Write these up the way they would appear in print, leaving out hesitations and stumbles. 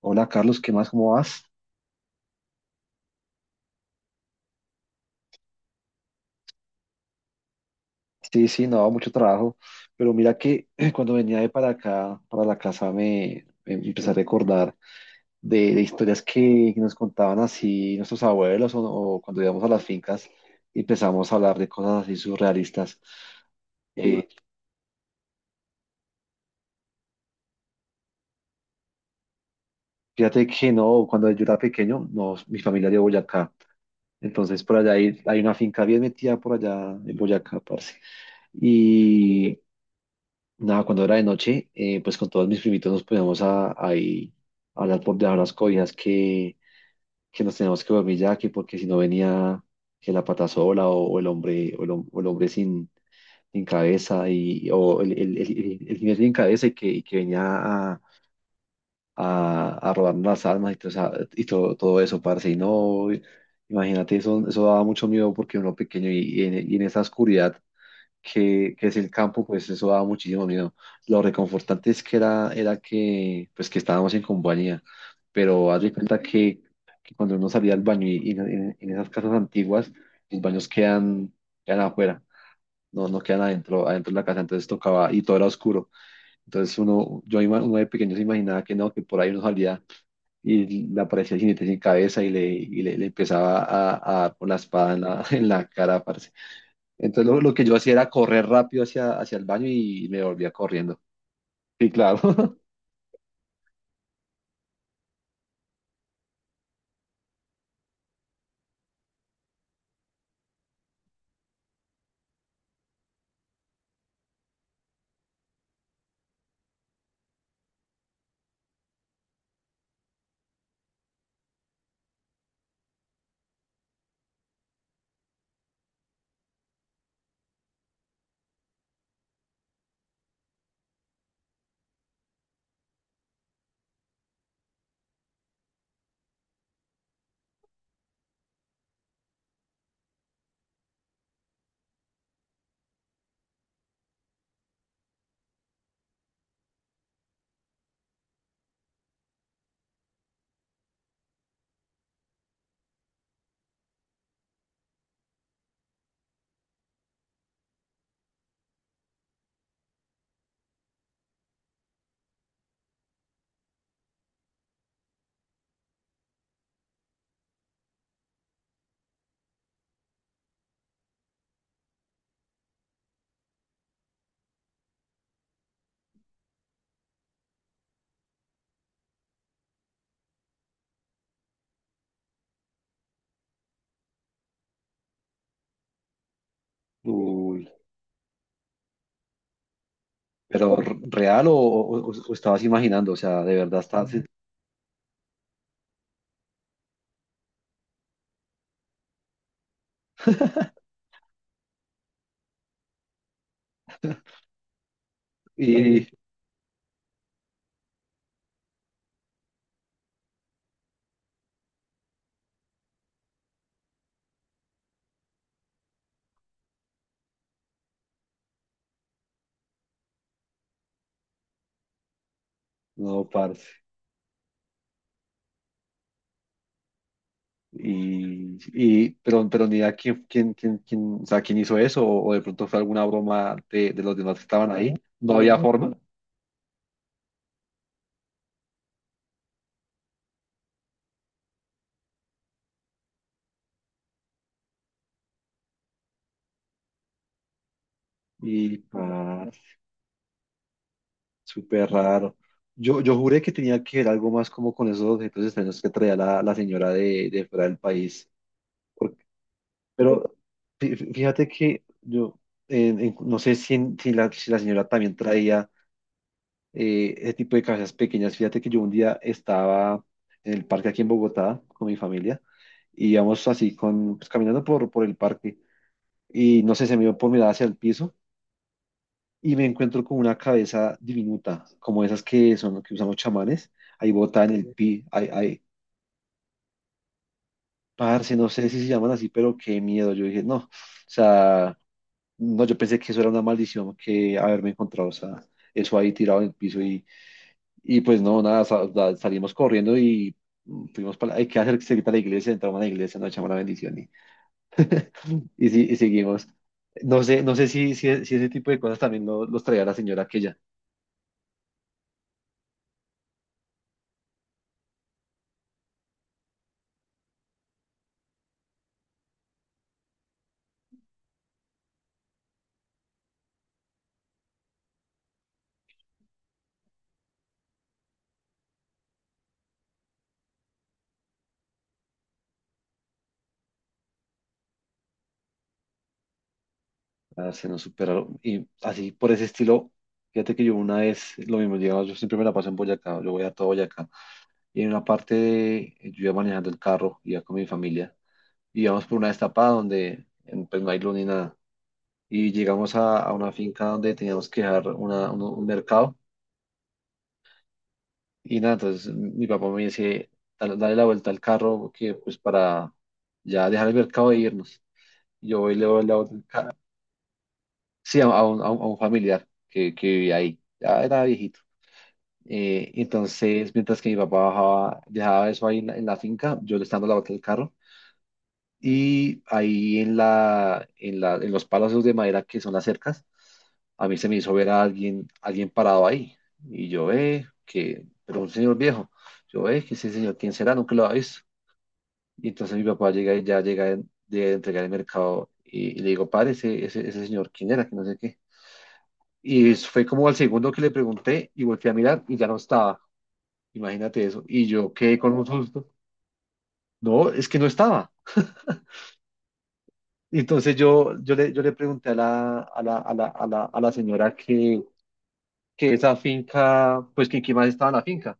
Hola Carlos, ¿qué más? ¿Cómo vas? Sí, sí, no, mucho trabajo, pero mira que cuando venía de para acá, para la casa, me empecé a recordar de historias que nos contaban así nuestros abuelos o cuando íbamos a las fincas y empezamos a hablar de cosas así surrealistas. Eh, Fíjate que no, cuando yo era pequeño, no, mi familia era de Boyacá, entonces por allá hay una finca bien metida por allá en Boyacá, parce. Nada, cuando era de noche, pues con todos mis primitos nos poníamos ahí a hablar por debajo de las cobijas que nos teníamos que dormir ya, que porque si no venía que la pata sola o el hombre, o el hombre sin cabeza, y o el jinete sin cabeza y que venía a robarnos las almas y todo eso, parce. Y no, imagínate, eso daba mucho miedo porque uno pequeño y en esa oscuridad que es el campo, pues eso daba muchísimo miedo. Lo reconfortante es que era pues que estábamos en compañía, pero haz de cuenta que cuando uno salía al baño y en esas casas antiguas, los baños quedan afuera, no, no quedan adentro, adentro de la casa, entonces tocaba y todo era oscuro. Entonces uno de pequeño se imaginaba que no, que por ahí uno salía y le aparecía el jinete sin cabeza y le empezaba a dar con la espada en en la cara, parce. Entonces lo que yo hacía era correr rápido hacia el baño y me volvía corriendo. Sí, claro. Uy, pero real o estabas imaginando, o sea, de verdad estabas. Y no, parce. Y pero ni idea quién, o sea, quién hizo eso, o de pronto fue alguna broma de los demás que estaban ahí. No había forma. Y parce, súper raro. Yo juré que tenía que ver algo más como con esos objetos extraños que traía la señora de fuera del país. Pero fíjate que yo no sé si la señora también traía ese tipo de cabezas pequeñas. Fíjate que yo un día estaba en el parque aquí en Bogotá con mi familia y íbamos así pues, caminando por el parque y no sé, se me dio por mirar hacia el piso y me encuentro con una cabeza diminuta, como esas que son que usan los chamanes, ahí botada en el pi, ahí, ahí, parce, no sé si se llaman así, pero qué miedo. Yo dije, no, o sea. No, yo pensé que eso era una maldición que haberme encontrado, o sea, eso ahí tirado en el piso y pues no, nada, salimos corriendo y fuimos para, hay que hacer cerquita a la iglesia, entramos a la iglesia, nos echamos la bendición y seguimos. No sé si ese tipo de cosas también los traía la señora aquella. Ah, se nos superaron y así por ese estilo, fíjate que yo una vez, lo mismo, digamos, yo siempre me la paso en Boyacá, yo voy a todo Boyacá y en una parte de- yo iba manejando el carro, iba con mi familia y íbamos por una destapada donde pues no hay luz ni nada. Y llegamos a una finca donde teníamos que dejar un mercado y nada, entonces mi papá me dice: "Dale la vuelta al carro que pues para ya dejar el mercado e irnos". Yo voy y le doy la vuelta al carro. Sí, a un familiar que vivía ahí, ya era viejito. Entonces, mientras que mi papá bajaba, dejaba eso ahí en la finca, yo le estaba dando la vuelta al carro. Y ahí en los palos de madera que son las cercas, a mí se me hizo ver a alguien, alguien parado ahí. Y yo, que, pero un señor viejo. Yo, que ese señor, ¿quién será? Nunca lo había visto. Y entonces mi papá llega y ya llega de entregar el mercado y le digo, padre, ese señor, ¿quién era? Que no sé qué. Y fue como al segundo que le pregunté y volteé a mirar y ya no estaba. Imagínate eso. Y yo quedé con un susto. No, es que no estaba. Y entonces yo le pregunté a la señora que esa finca, pues que quién más estaba en la finca.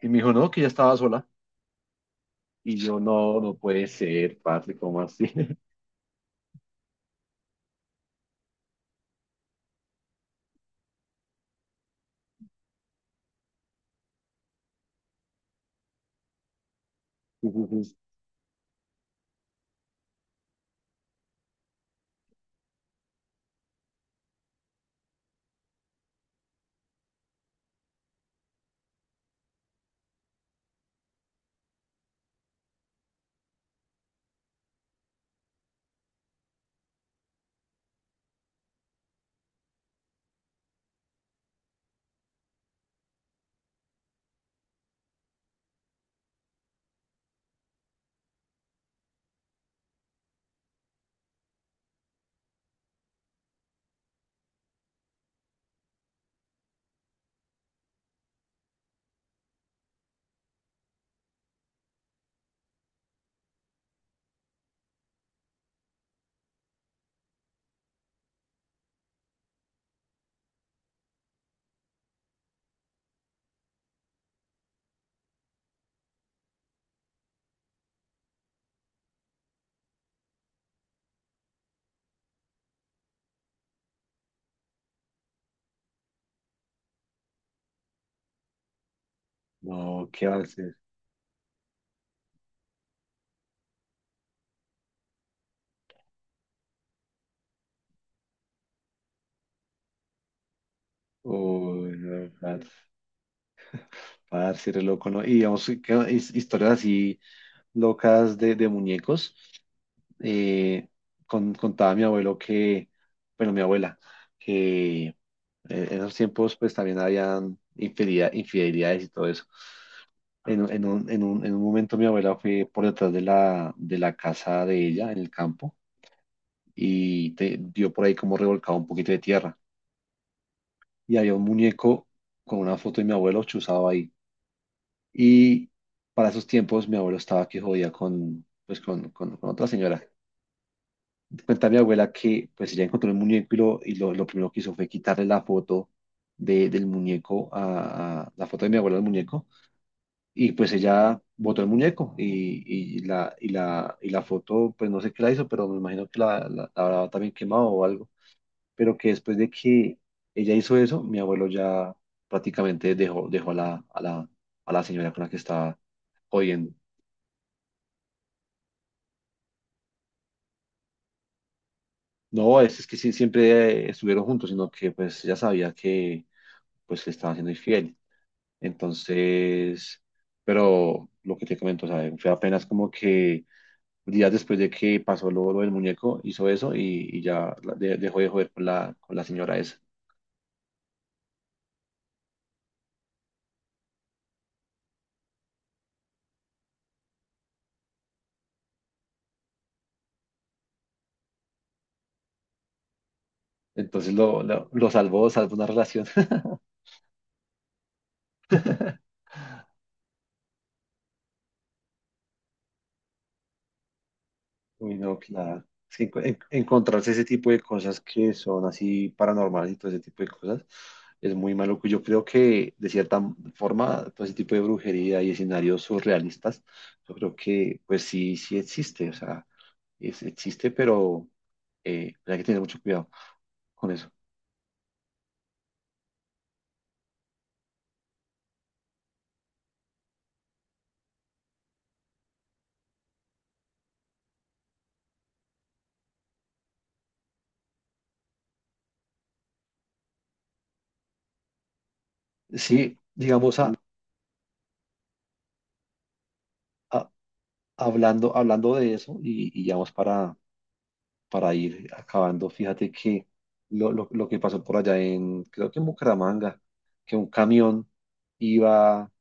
Y me dijo, no, que ya estaba sola. Y yo, no, no puede ser, parce, ¿cómo así? No, ¿qué va a ser? Uy, no, parce, re loco, ¿no? Y digamos, que historias así locas de muñecos. Eh, Contaba mi abuelo que, bueno, mi abuela. En esos tiempos, pues también habían infidelidades y todo eso. En un momento mi abuela fue por detrás de la casa de ella, en el campo, y dio por ahí como revolcado un poquito de tierra. Y había un muñeco con una foto de mi abuelo chuzado ahí. Y para esos tiempos mi abuelo estaba que jodía pues, con otra señora. Cuenta mi abuela que pues ella encontró el muñeco y lo primero que hizo fue quitarle la foto del muñeco, la foto de mi abuela al muñeco, y pues ella botó el muñeco y la foto pues no sé qué la hizo pero me imagino que la habrá también quemado o algo, pero que después de que ella hizo eso mi abuelo ya prácticamente dejó a la señora con la que estaba jodiendo. No, es que sí, siempre estuvieron juntos sino que pues ella sabía que pues que estaban siendo infiel. Entonces, pero lo que te comento, o sea, fue apenas como que días después de que pasó lo del muñeco, hizo eso y ya dejó de joder con la señora esa. Entonces lo salvó una relación. Uy, no, claro. Es que encontrarse ese tipo de cosas que son así paranormales y todo ese tipo de cosas es muy malo. Yo creo que de cierta forma todo ese tipo de brujería y escenarios surrealistas, yo creo que pues sí, sí existe. O sea, existe, pero hay que tener mucho cuidado con eso. Sí, digamos, a- hablando de eso y ya vamos para ir acabando. Fíjate que lo que pasó por allá en, creo que en Bucaramanga, que un camión iba,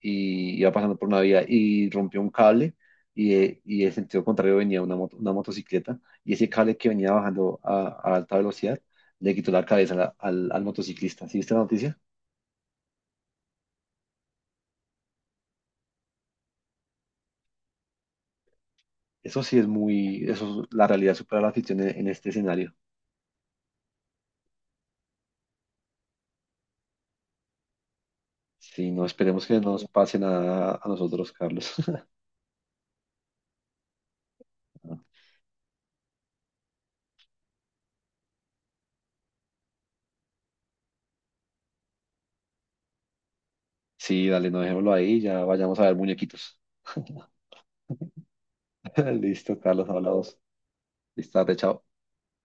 iba pasando por una vía y rompió un cable y en sentido contrario venía una motocicleta, y ese cable que venía bajando a alta velocidad le quitó la cabeza al motociclista. ¿Sí viste la noticia? Eso sí es muy, eso, la realidad supera la ficción en este escenario. Sí, no esperemos que no nos pase nada a nosotros, Carlos. Sí, dale, no dejémoslo ahí, ya vayamos a ver muñequitos. Listo, Carlos, hablamos. Listo, tarde, chao.